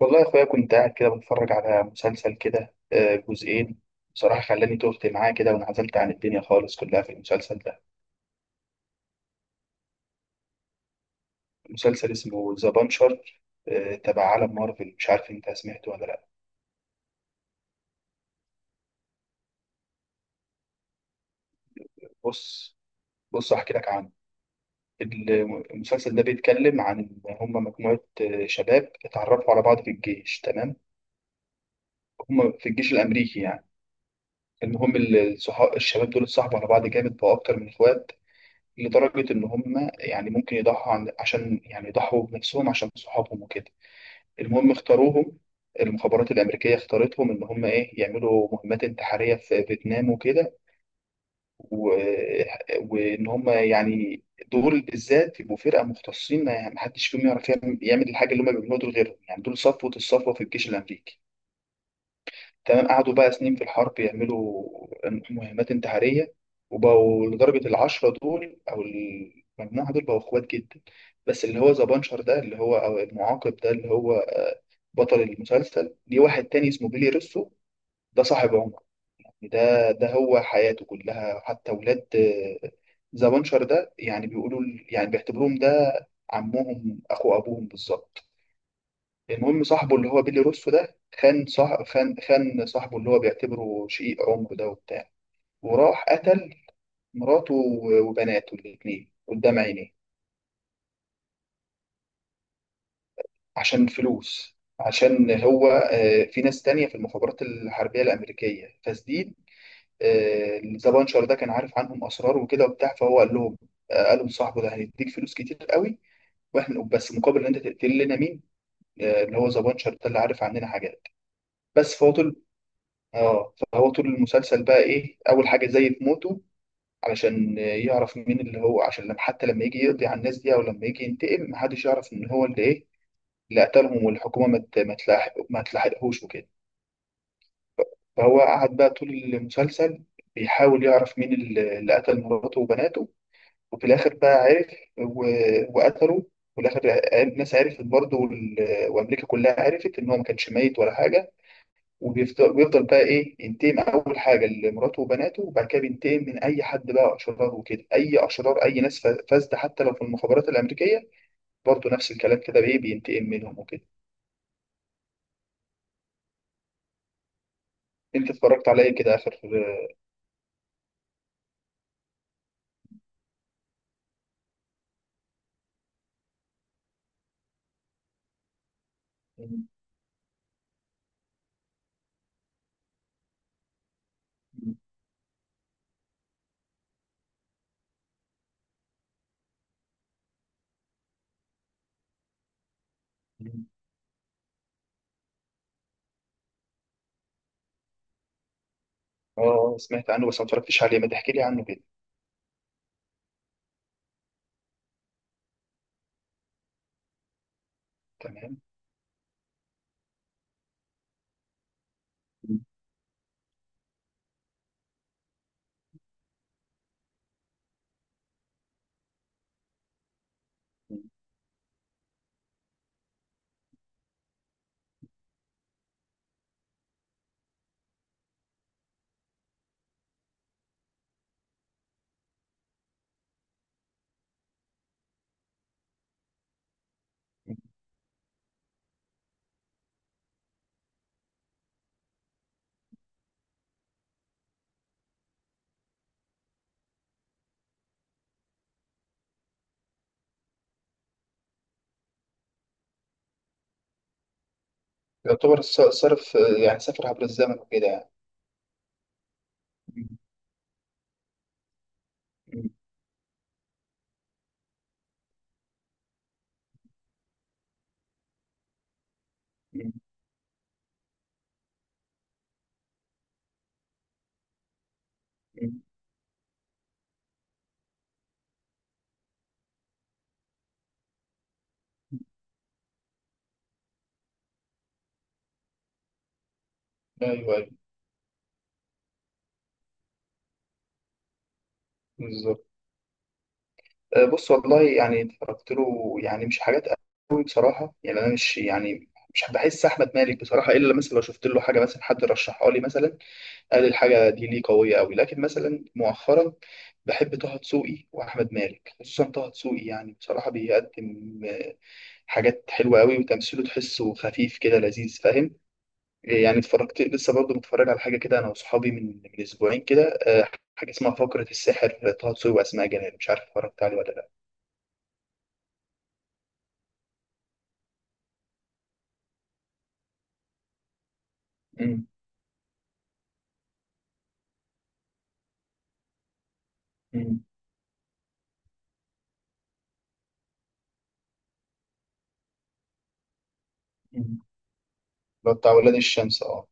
والله يا اخويا كنت قاعد كده بتفرج على مسلسل كده جزئين. بصراحة خلاني تهت معاه كده وانعزلت عن الدنيا خالص كلها في المسلسل ده. مسلسل اسمه ذا بانشر، تبع عالم مارفل. مش عارف انت سمعته ولا لا. بص، احكي لك عنه. المسلسل ده بيتكلم عن إن هم مجموعة شباب اتعرفوا على بعض في الجيش، تمام؟ هم في الجيش الأمريكي يعني. المهم الصحاب الشباب دول اتصاحبوا على بعض جامد، بقوا أكتر من إخوات، لدرجة إن هم يعني ممكن يضحوا عن عشان يعني يضحوا بنفسهم عشان صحابهم وكده. المهم اختاروهم، المخابرات الأمريكية اختارتهم إن هم إيه، يعملوا مهمات انتحارية في فيتنام وكده. و... وإن هم يعني دول بالذات يبقوا فرقة مختصين، ما حدش فيهم يعرف يعمل الحاجة اللي هم بيعملوها دول غيرهم، يعني دول صفوة الصفوة في الجيش الأمريكي. تمام. قعدوا بقى سنين في الحرب يعملوا مهمات انتحارية، وبقوا لدرجة العشرة دول أو المجموعة دول بقوا إخوات جدا. بس اللي هو ذا بانشر ده، اللي هو أو المعاقب ده، اللي هو بطل المسلسل، ليه واحد تاني اسمه بيلي روسو. ده صاحب عمر، يعني ده هو حياته كلها. حتى ولاد ذا بانشر ده يعني بيقولوا، يعني بيعتبروهم ده عمهم، أخو أبوهم بالظبط. المهم صاحبه اللي هو بيلي روسو ده خان، صاح خان خان صاحبه اللي هو بيعتبره شقيق عمره ده وبتاع، وراح قتل مراته وبناته الاتنين قدام عينيه. عشان فلوس، عشان هو في ناس تانية في المخابرات الحربية الأمريكية فسديد. ذا بانشر ده كان عارف عنهم أسرار وكده وبتاع، فهو قال لهم، قالوا لصاحبه ده هنديك فلوس كتير قوي، واحنا بس مقابل ان انت تقتل لنا مين؟ اللي هو ذا بانشر ده اللي عارف عننا حاجات. بس فهو طول، اه فهو طول المسلسل بقى ايه، اول حاجه زي في موته، علشان يعرف مين اللي هو، عشان لما حتى لما يجي يقضي على الناس دي او لما يجي ينتقم محدش يعرف ان هو اللي ايه، اللي قتلهم، والحكومه ما تلاحقهوش وكده. فهو قعد بقى طول المسلسل بيحاول يعرف مين اللي قتل مراته وبناته، وفي الاخر بقى عرف و... وقتله. وفي الاخر الناس عرفت برضه، وامريكا كلها عرفت ان هو ما كانش ميت ولا حاجه. بيفضل بقى ايه ينتقم، اول حاجه لمراته وبناته، وبعد كده بينتقم من اي حد بقى اشرار وكده، اي اشرار، اي ناس فاسده، حتى لو في المخابرات الامريكيه برضه، نفس الكلام كده بايه بينتقم منهم وكده. انت اتفرجت على ايه كده اخر؟ اه، سمعت عنه بس ما اتفرجتش عليه، ما تحكي لي عنه كده. تمام. مم. مم. يعتبر صرف، يعني سافر عبر الزمن وكده يعني. مم. مم. مم. ايوه، ايوه، بالظبط. بص والله، يعني اتفرجت له يعني مش حاجات قوي بصراحه، يعني انا مش يعني مش بحس احمد مالك بصراحه، الا مثلا لو شفت له حاجه، مثلا حد رشحها لي، مثلا قال الحاجه دي ليه قويه قوي. لكن مثلا مؤخرا بحب طه دسوقي واحمد مالك، خصوصا طه دسوقي. يعني بصراحه بيقدم حاجات حلوه قوي، وتمثيله تحسه خفيف كده لذيذ، فاهم؟ يعني اتفرجت لسه برضه، متفرج على حاجه كده انا واصحابي من اسبوعين كده، حاجه اسمها فقره السحر، طه دسوقي واسماء جلال، مش عارف اتفرجت عليه ولا لا. مم. مم. اللي هو بتاع ولاد الشمس، اه.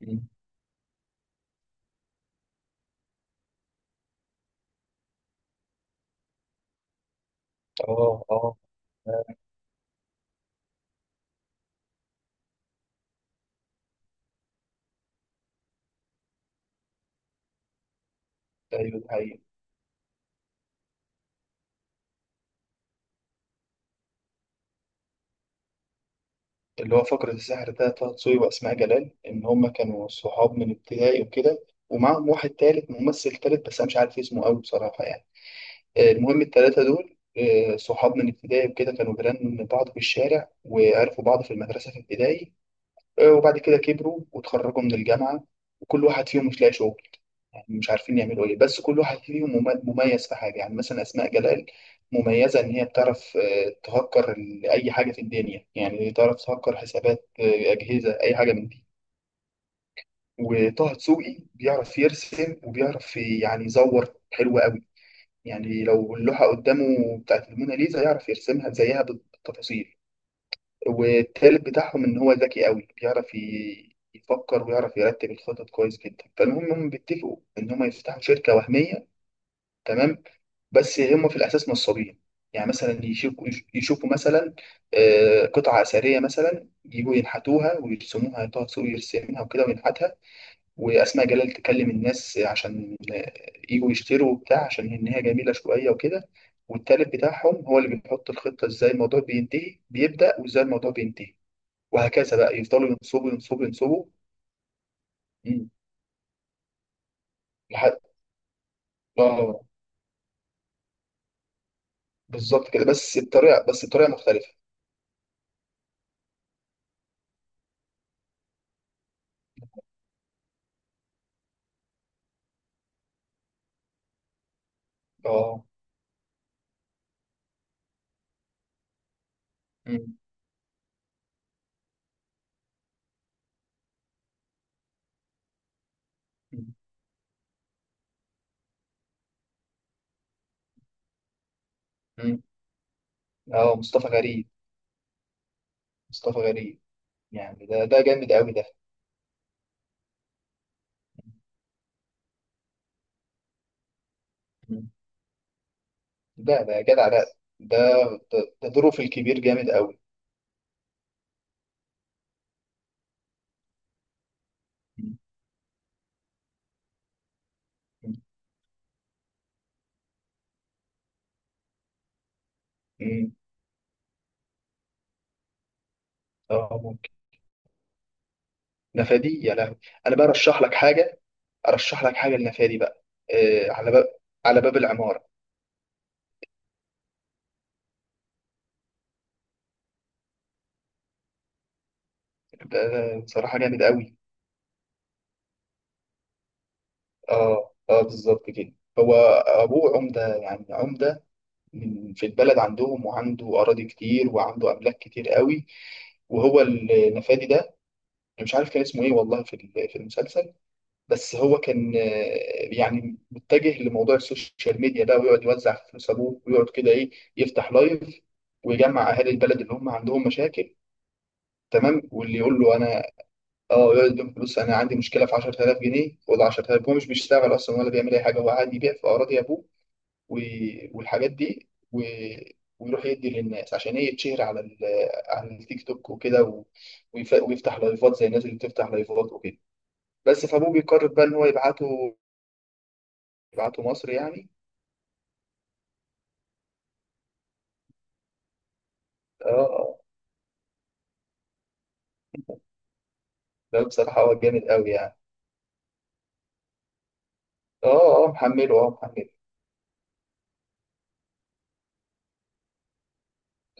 مم. اه اه، ايوه، ده حقيقي. اللي هو فقرة السحر ده، طه دسوقي واسماء جلال، ان هما كانوا صحاب من ابتدائي وكده، ومعاهم واحد تالت ممثل تالت بس انا مش عارف اسمه قوي بصراحة يعني. المهم التلاتة دول، صحاب من ابتدائي وكده، كانوا جيران بعض في الشارع وعرفوا بعض في المدرسة في ابتدائي. وبعد كده كبروا وتخرجوا من الجامعة، وكل واحد فيهم مش لاقي شغل، يعني مش عارفين يعملوا ايه، بس كل واحد فيهم مميز في حاجة. يعني مثلا أسماء جلال مميزة إن هي بتعرف تهكر أي حاجة في الدنيا، يعني تعرف تهكر حسابات أجهزة، أي حاجة من دي. وطه دسوقي بيعرف يرسم وبيعرف يعني يزور حلو قوي، يعني لو اللوحة قدامه بتاعت الموناليزا يعرف يرسمها زيها بالتفاصيل. والتالت بتاعهم ان هو ذكي قوي، بيعرف يفكر ويعرف يرتب الخطط كويس جدا. فالمهم هم بيتفقوا ان هم يفتحوا شركه وهميه، تمام، بس هم في الاساس نصابين. يعني مثلا يشوفوا مثلا قطعه اثريه مثلا، يجوا ينحتوها ويرسموها، طه دسوقي يرسمها وكده وينحتها، واسماء جلال تكلم الناس عشان يجوا يشتروا وبتاع عشان ان هي جميله شويه وكده. والتالت بتاعهم هو اللي بيحط الخطه، ازاي الموضوع بينتهي، بيبدا وازاي الموضوع بينتهي، وهكذا بقى. يفضلوا ينصبوا ينصبوا. مم. لحد، اه. بالظبط كده، بس بطريقه مختلفه. اه. مم. مم. مم. اه، مصطفى غريب. مصطفى غريب. يعني ده جامد قوي ده. مم. ده جدع ده. ده، ده دوره في الكبير جامد قوي. مم. مم. اه ممكن. نفادي يا لهوي. انا بقى ارشح لك حاجه، ارشح لك حاجه لنفادي بقى، على باب، على باب العماره. ده بصراحه جامد قوي. اه اه، بالظبط كده. هو ابوه عمده، يعني من في البلد عندهم، وعنده اراضي كتير وعنده املاك كتير قوي. وهو النفادي ده أنا مش عارف كان اسمه ايه والله في في المسلسل، بس هو كان يعني متجه لموضوع السوشيال ميديا ده، ويقعد يوزع فلوس ابوه، ويقعد كده ايه يفتح لايف ويجمع اهالي البلد اللي هم عندهم مشاكل، تمام. واللي يقول له انا، اه، يقعد يديهم فلوس، انا عندي مشكله في 10000 جنيه، خد 10000. هو مش بيشتغل اصلا ولا بيعمل اي حاجه، هو قاعد يبيع في اراضي ابوه و- والحاجات دي ويروح يدي للناس عشان ايه، يتشهر على على التيك توك وكده ويفتح لايفات زي الناس اللي بتفتح لايفات وكده. بس فابوه بيقرر بقى ان هو يبعته، يبعته مصر يعني. اه آه. لا بصراحة هو جامد قوي يعني. اه اه محمله، اه محمله.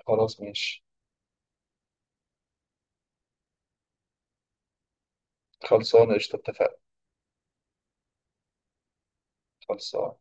خلاص ماشي. خلصانة قشطة، اتفقنا. خلصانة